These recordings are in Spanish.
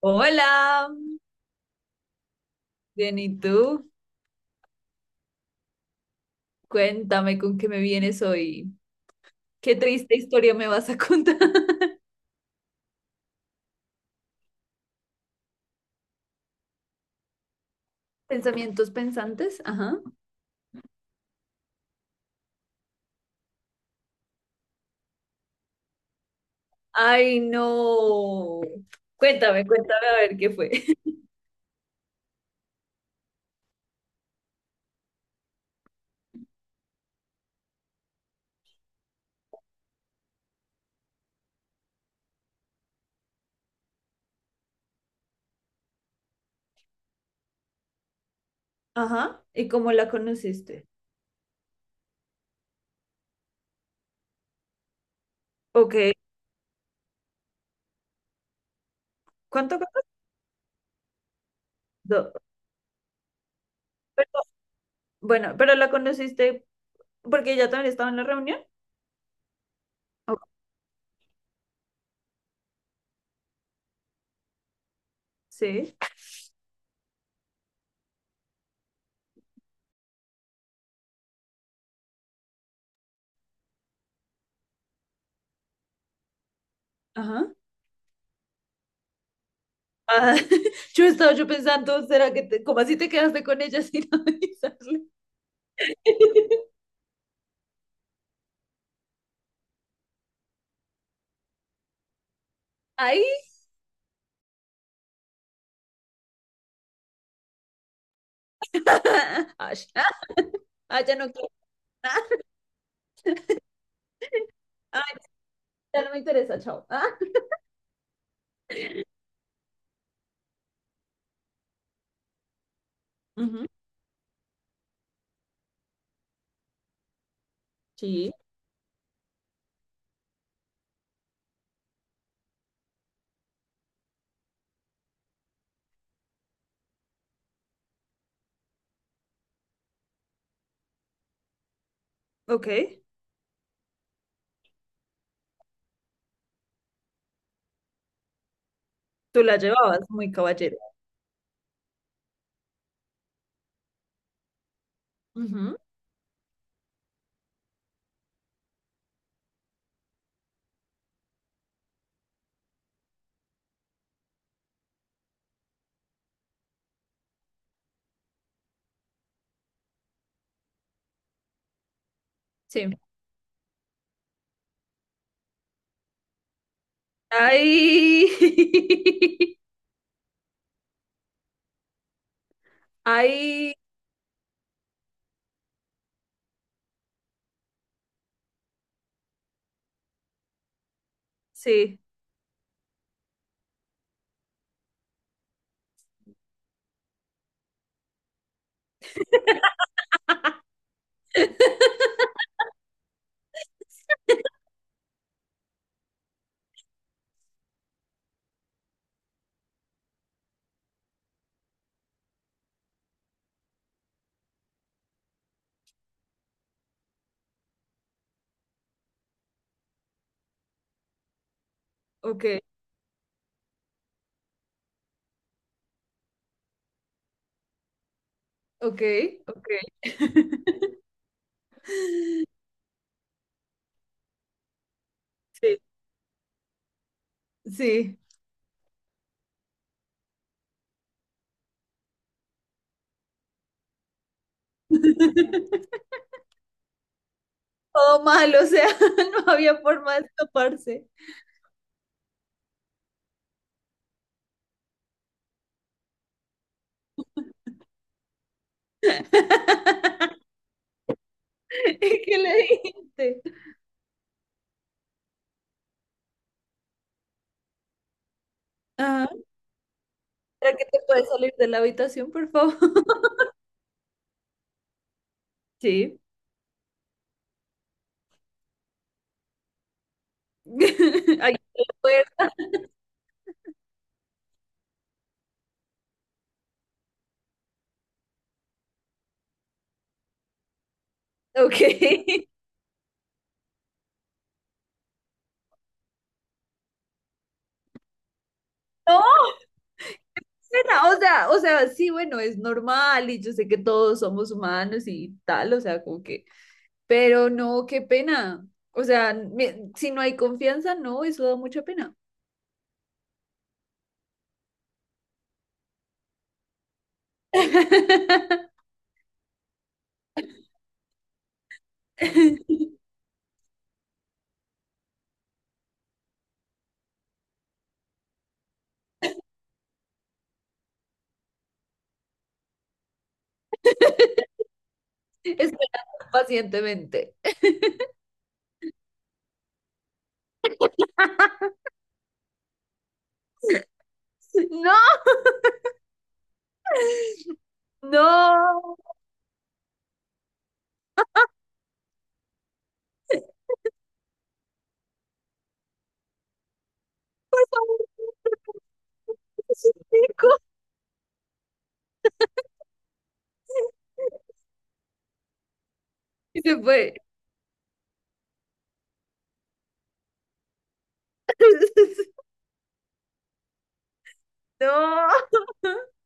Hola, bien, ¿y tú? Cuéntame con qué me vienes hoy. Qué triste historia me vas a contar. ¿Pensamientos pensantes? Ajá. Ay, no. Cuéntame, cuéntame a ver qué fue. Ajá. ¿Y cómo la conociste? Ok. ¿Cuánto costó? Pero, bueno, pero la conociste porque ella también estaba en la reunión. Ok. Sí. Ajá. Ah, yo estaba yo pensando, ¿será que te, cómo así te quedaste con ella sin avisarle? Ay. Ay, ay, ya no quiero. Ay, ya no me interesa, chao. Ah, ujú, sí, ok. Tú la llevabas muy caballero. Ujú, sí. Ay. Ay. Sí, ok, ok, ok. Sí, sí. Todo mal, o sea, no había forma de escaparse. ¿Y qué le dijiste? Ajá. ¿Para que te puedes salir de la habitación, por favor? Sí. Ahí está la puerta. Ok. No, espera, o sea, sí, bueno, es normal y yo sé que todos somos humanos y tal, o sea, como que, pero no, qué pena. O sea, me- si no hay confianza, no, eso da mucha pena. Esperando pacientemente. No, no, por favor, chico. Y se fue. No.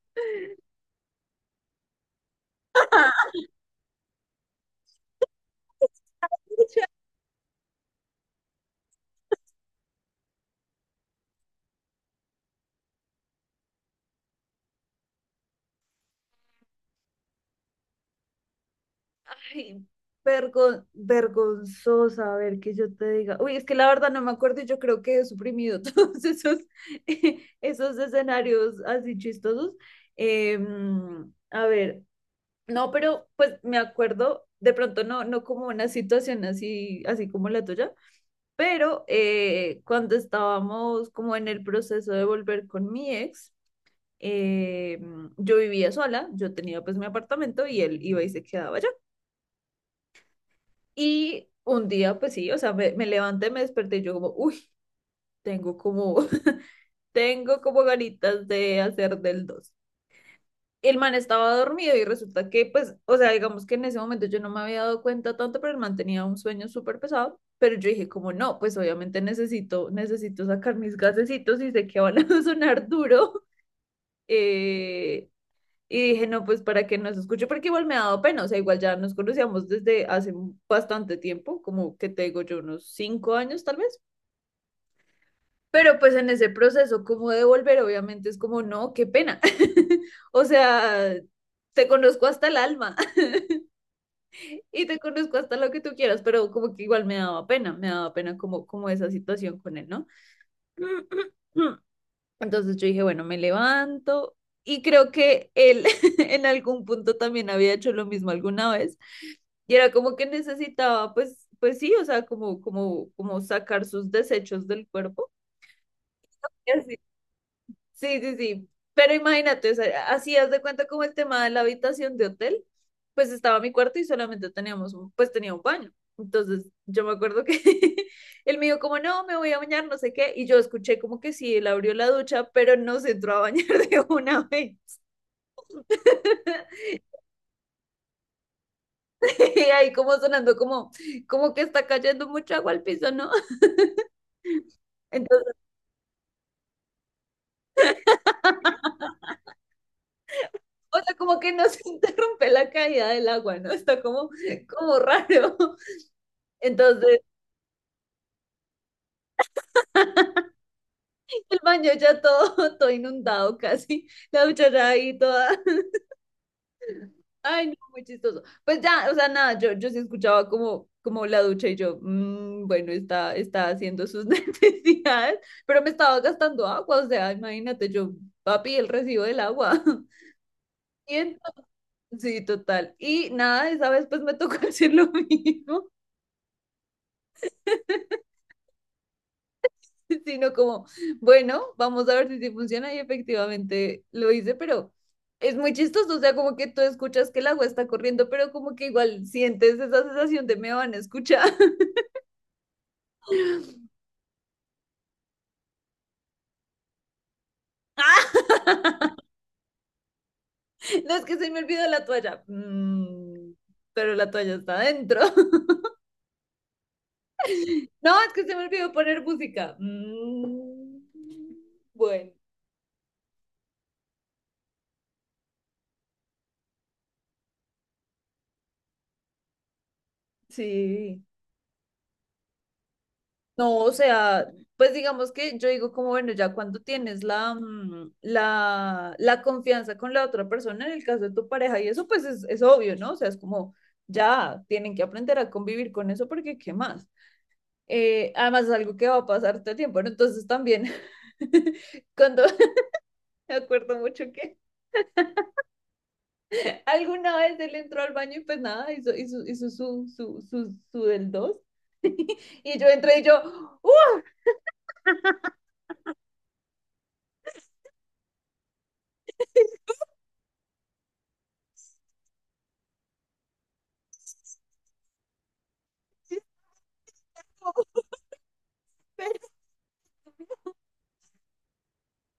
Pucha, ay, vergon- vergonzosa, a ver, que yo te diga. Uy, es que la verdad no me acuerdo y yo creo que he suprimido todos esos, esos escenarios así chistosos. A ver, no, pero pues me acuerdo, de pronto no, no como una situación así, así como la tuya, pero cuando estábamos como en el proceso de volver con mi ex, eh, yo vivía sola, yo tenía pues mi apartamento y él iba y se quedaba allá. Y un día, pues sí, o sea, me levanté, me desperté y yo como, uy, tengo como, tengo como ganitas de hacer del dos. El man estaba dormido y resulta que, pues, o sea, digamos que en ese momento yo no me había dado cuenta tanto, pero el man tenía un sueño súper pesado. Pero yo dije, como no, pues obviamente necesito, necesito sacar mis gasecitos y sé que van a sonar duro. eh, Y dije, no, pues para que nos escuche, porque igual me ha dado pena, o sea, igual ya nos conocíamos desde hace bastante tiempo, como que te digo yo, unos 5 años tal vez, pero pues en ese proceso como de volver, obviamente es como, no, qué pena, o sea, te conozco hasta el alma y te conozco hasta lo que tú quieras, pero como que igual me daba pena como, como esa situación con él, ¿no? Entonces yo dije, bueno, me levanto y creo que él en algún punto también había hecho lo mismo alguna vez y era como que necesitaba, pues, pues sí, o sea, como, como, como sacar sus desechos del cuerpo. Y así, sí, sí, sí. Pero imagínate, o sea, así haz de cuenta como el tema de la habitación de hotel, pues estaba mi cuarto y solamente teníamos, un- pues tenía un baño. Entonces yo me acuerdo que él me dijo como, no, me voy a bañar, no sé qué, y yo escuché como que sí, él abrió la ducha, pero no se entró a bañar de una vez. Y ahí como sonando como, como que está cayendo mucha agua al piso, ¿no? Entonces, o sea, como que no se interrumpe la caída del agua, ¿no? Está como, como raro. Entonces... el baño ya todo, todo inundado casi, la duchera ahí toda. Ay, no, muy chistoso. Pues ya, o sea, nada, yo sí escuchaba como, como la ducha y yo, "Mm, bueno, está, está haciendo sus necesidades, pero me estaba gastando agua, o sea, imagínate, yo, papi, el recibo del agua. Y entonces, sí, total. Y nada, esa vez pues me tocó hacer lo mismo. Sino como, bueno, vamos a ver si sí funciona y efectivamente lo hice, pero es muy chistoso, o sea, como que tú escuchas que el agua está corriendo, pero como que igual sientes esa sensación de me van a escuchar. ¡Ah! No es que se me olvidó la toalla. Mm, pero la toalla está adentro. No, es que se me olvidó poner música. Mm, bueno, sí. No, o sea, pues digamos que yo digo como, bueno, ya cuando tienes la, mm, la confianza con la otra persona, en el caso de tu pareja, y eso pues es obvio, ¿no? O sea, es como, ya tienen que aprender a convivir con eso porque, ¿qué más? Además es algo que va a pasar todo el tiempo, ¿no? Entonces también, cuando me acuerdo mucho que alguna vez él entró al baño y pues nada, hizo, hizo, hizo su, su, su, su del dos, y yo entré y yo, ¡uh!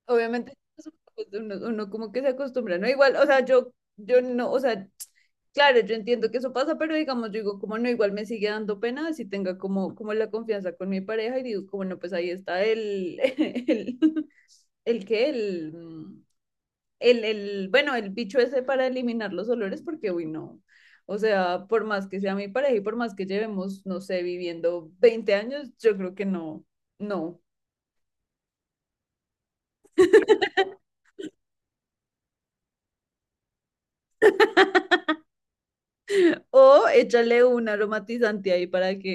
Obviamente, pues, pues, uno como que se acostumbra, ¿no? Igual, o sea, yo no, o sea, claro, yo entiendo que eso pasa, pero digamos, yo digo, como no, igual me sigue dando pena si tenga como, como la confianza con mi pareja y digo, como no, pues ahí está el, el, el que, el, mm, el, bueno, el bicho ese para eliminar los olores, porque, uy, no. O sea, por más que sea mi pareja y por más que llevemos, no sé, viviendo 20 años, yo creo que no, no. O échale un aromatizante ahí para que...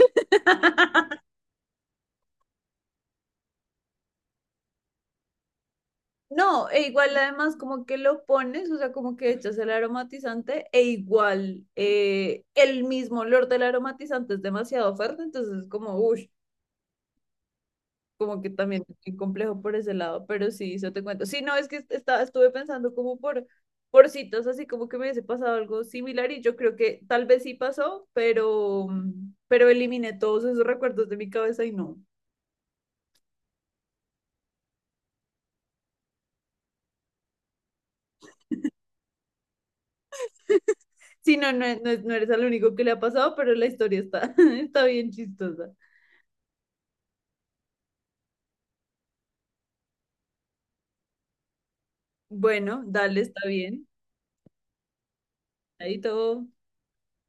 No, e igual además como que lo pones, o sea, como que echas el aromatizante e igual el mismo olor del aromatizante es demasiado fuerte, entonces es como, uff, como que también es complejo por ese lado, pero sí, yo te cuento. Sí, no, es que estaba, estuve pensando como por citas, así como que me hubiese pasado algo similar y yo creo que tal vez sí pasó, pero eliminé todos esos recuerdos de mi cabeza y no. Sí, no, no, no, no eres el único que le ha pasado, pero la historia está, está bien chistosa. Bueno, dale, está bien. Ahí todo.